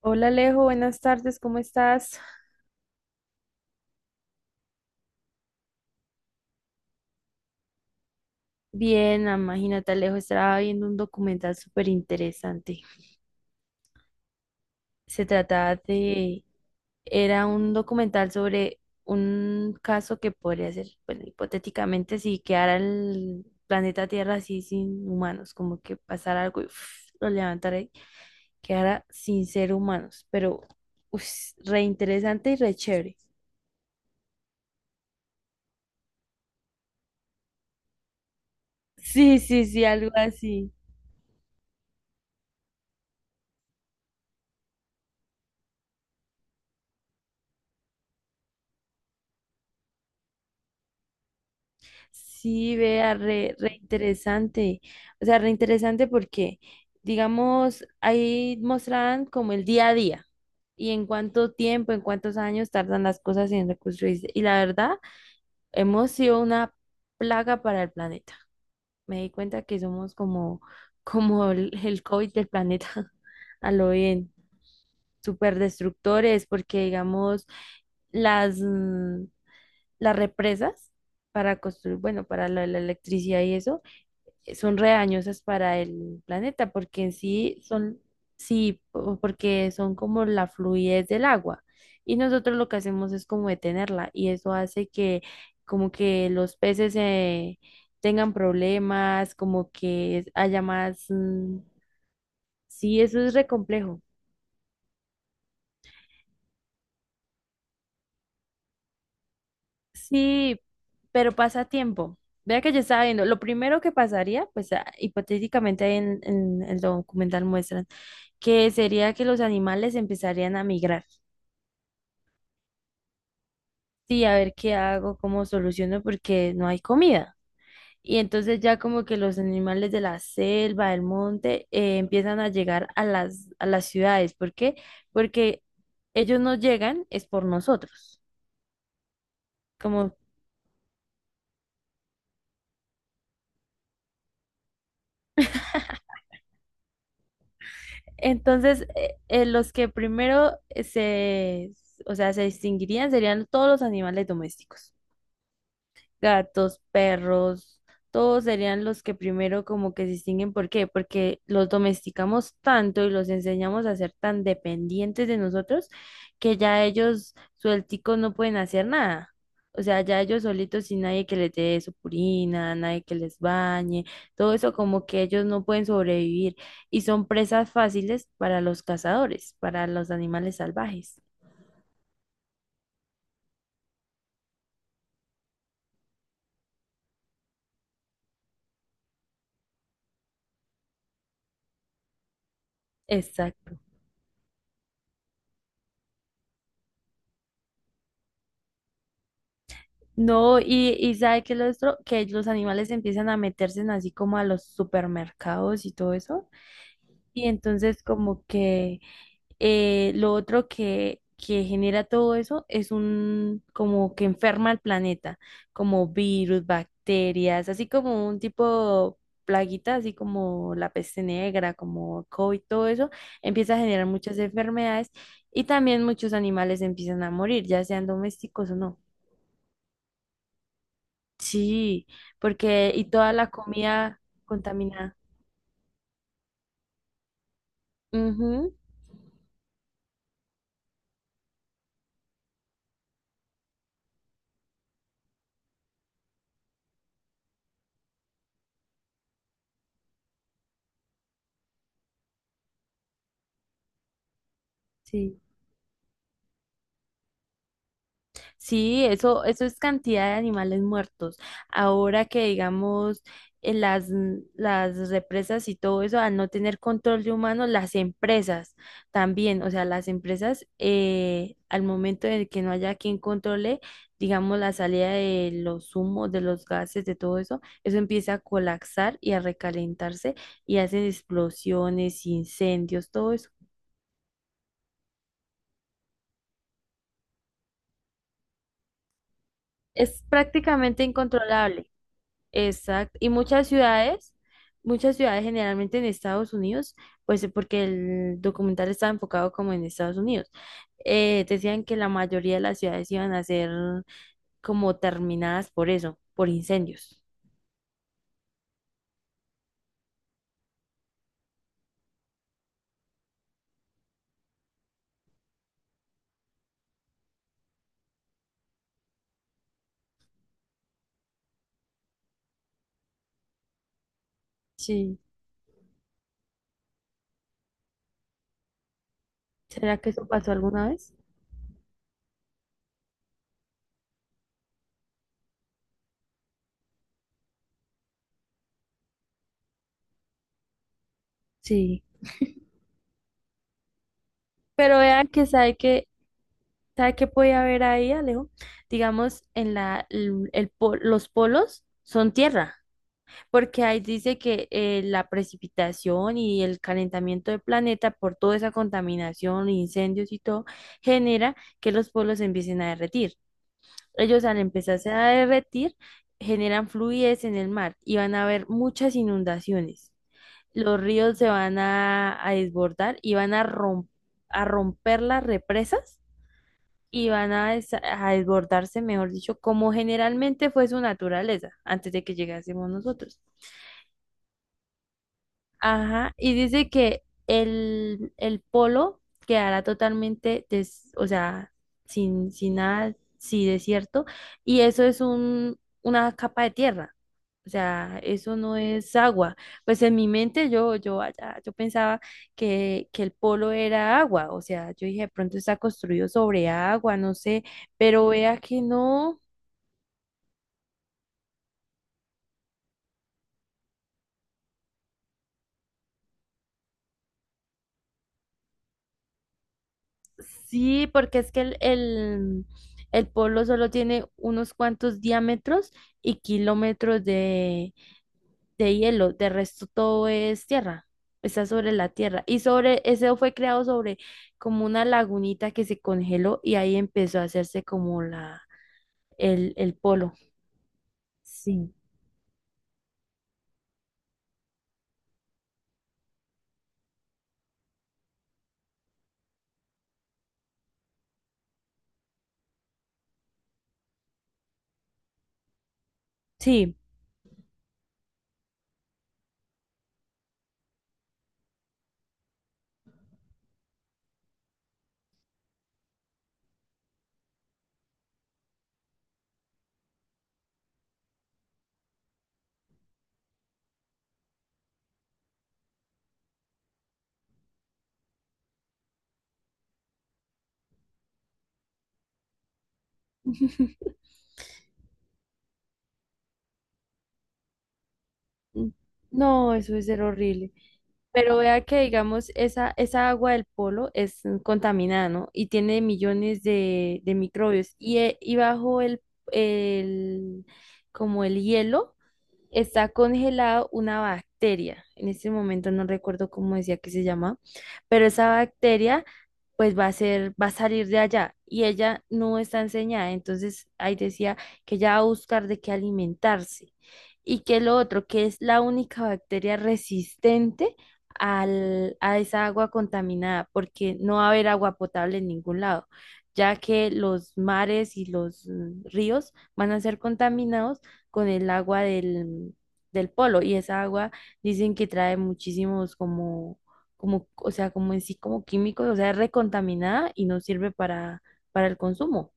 Hola Alejo, buenas tardes, ¿cómo estás? Bien, imagínate Alejo, estaba viendo un documental súper interesante. Se trataba de, era un documental sobre un caso que podría ser, bueno, hipotéticamente, si quedara el planeta Tierra así sin humanos, como que pasara algo y lo levantara y quedara sin ser humanos, pero uf, re interesante y re chévere. Sí, sí, sí, algo así. Sí, vea, re, re interesante. O sea, re interesante porque, digamos, ahí mostraban como el día a día y en cuánto tiempo, en cuántos años tardan las cosas en reconstruirse. Y la verdad, hemos sido una plaga para el planeta. Me di cuenta que somos como, como el COVID del planeta, a lo bien, súper destructores, porque, digamos, las, mm, las represas para construir, bueno, para la electricidad y eso son re dañosas para el planeta, porque en sí son, sí, porque son como la fluidez del agua. Y nosotros lo que hacemos es como detenerla, y eso hace que como que los peces tengan problemas, como que haya más, sí, eso es re complejo. Sí, pero pasa a tiempo. Vea que yo estaba viendo, lo primero que pasaría, pues hipotéticamente ahí en el documental muestran, que sería que los animales empezarían a migrar. Sí, a ver qué hago, cómo soluciono, porque no hay comida. Y entonces ya como que los animales de la selva, del monte, empiezan a llegar a a las ciudades. ¿Por qué? Porque ellos no llegan, es por nosotros. Como, entonces, los que primero o sea, se distinguirían serían todos los animales domésticos. Gatos, perros, todos serían los que primero como que se distinguen. ¿Por qué? Porque los domesticamos tanto y los enseñamos a ser tan dependientes de nosotros que ya ellos suelticos no pueden hacer nada. O sea, ya ellos solitos sin nadie que les dé su purina, nadie que les bañe, todo eso como que ellos no pueden sobrevivir y son presas fáciles para los cazadores, para los animales salvajes. Exacto. No, y sabe que lo otro, que los animales empiezan a meterse en así como a los supermercados y todo eso. Y entonces como que lo otro que genera todo eso es un como que enferma al planeta, como virus, bacterias, así como un tipo plaguita, así como la peste negra, como COVID, todo eso, empieza a generar muchas enfermedades y también muchos animales empiezan a morir, ya sean domésticos o no. Sí, porque y toda la comida contaminada. Ujú, sí. Sí, eso es cantidad de animales muertos. Ahora que digamos las represas y todo eso, al no tener control de humanos, las empresas también, o sea, las empresas al momento de que no haya quien controle, digamos, la salida de los humos, de los gases, de todo eso, eso empieza a colapsar y a recalentarse y hacen explosiones, incendios, todo eso. Es prácticamente incontrolable. Exacto. Y muchas ciudades generalmente en Estados Unidos, pues porque el documental estaba enfocado como en Estados Unidos, decían que la mayoría de las ciudades iban a ser como terminadas por eso, por incendios. Sí, ¿será que eso pasó alguna vez? Sí. Pero vean que sabe que, sabe que puede haber ahí, Alejo. Digamos, en la, el po- los polos son tierra. Porque ahí dice que la precipitación y el calentamiento del planeta por toda esa contaminación, incendios y todo, genera que los pueblos se empiecen a derretir. Ellos al empezarse a derretir, generan fluidez en el mar y van a haber muchas inundaciones. Los ríos se van a desbordar y van a romper las represas y van a desbordarse, mejor dicho, como generalmente fue su naturaleza antes de que llegásemos nosotros. Ajá, y dice que el polo quedará totalmente, o sea, sin nada, sí, desierto, y eso es un, una capa de tierra, o sea, eso no es agua. Pues en mi mente yo pensaba que el polo era agua, o sea, yo dije, de pronto está construido sobre agua, no sé, pero vea que no. Sí, porque es que el polo solo tiene unos cuantos diámetros y kilómetros de hielo, de resto todo es tierra, está sobre la tierra. Y sobre, ese fue creado sobre como una lagunita que se congeló y ahí empezó a hacerse como el polo. Sí. Sí, mm, no, eso es ser horrible. Pero vea que, digamos, esa agua del polo es contaminada, ¿no? Y tiene millones de microbios. Y bajo el, como el hielo, está congelado una bacteria. En este momento no recuerdo cómo decía que se llama, pero esa bacteria pues va a ser, va a salir de allá y ella no está enseñada. Entonces ahí decía que ella va a buscar de qué alimentarse y que lo otro, que es la única bacteria resistente a esa agua contaminada, porque no va a haber agua potable en ningún lado, ya que los mares y los ríos van a ser contaminados con el agua del, del polo y esa agua dicen que trae muchísimos como, como, o sea, como en sí, como químicos, o sea, es recontaminada y no sirve para el consumo.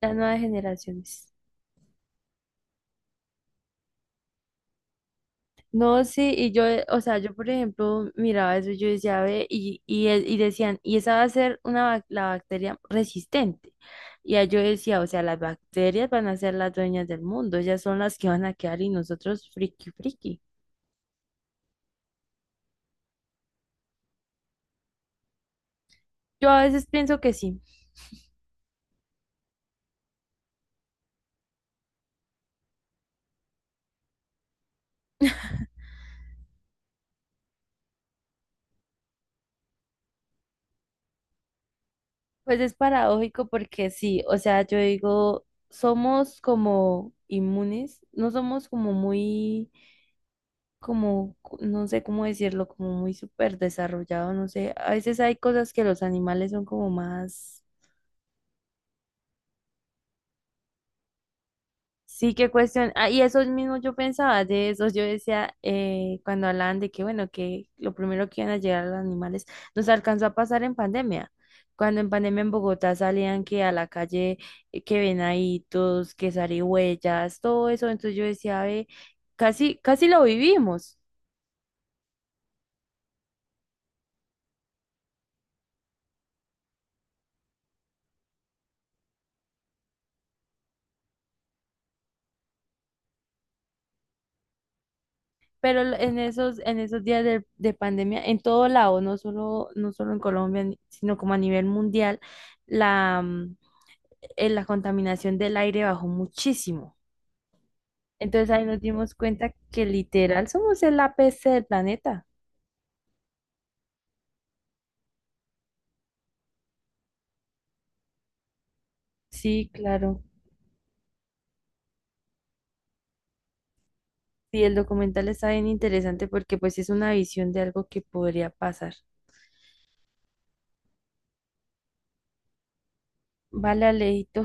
Las nuevas generaciones. No, sí, y yo, o sea, yo por ejemplo miraba eso y yo decía, ve, y decían, y esa va a ser una, la bacteria resistente. Y ahí yo decía, o sea, las bacterias van a ser las dueñas del mundo, ellas son las que van a quedar y nosotros friki friki. Yo a veces pienso que sí. Pues es paradójico porque sí, o sea, yo digo, somos como inmunes, no somos como muy, como, no sé cómo decirlo, como muy súper desarrollados, no sé, a veces hay cosas que los animales son como más. Sí, qué cuestión. Ah, y eso mismo yo pensaba de eso. Yo decía, cuando hablaban de que, bueno, que lo primero que iban a llegar los animales, nos alcanzó a pasar en pandemia. Cuando en pandemia en Bogotá salían que a la calle, que venaditos, que zarigüeyas, todo eso. Entonces yo decía, ve, casi, casi lo vivimos. Pero en esos días de pandemia, en todo lado, no solo, no solo en Colombia, sino como a nivel mundial, la, mm, la contaminación del aire bajó muchísimo. Entonces ahí nos dimos cuenta que literal somos el APC del planeta. Sí, claro. Sí, el documental está bien interesante porque pues es una visión de algo que podría pasar. Vale, Alejito,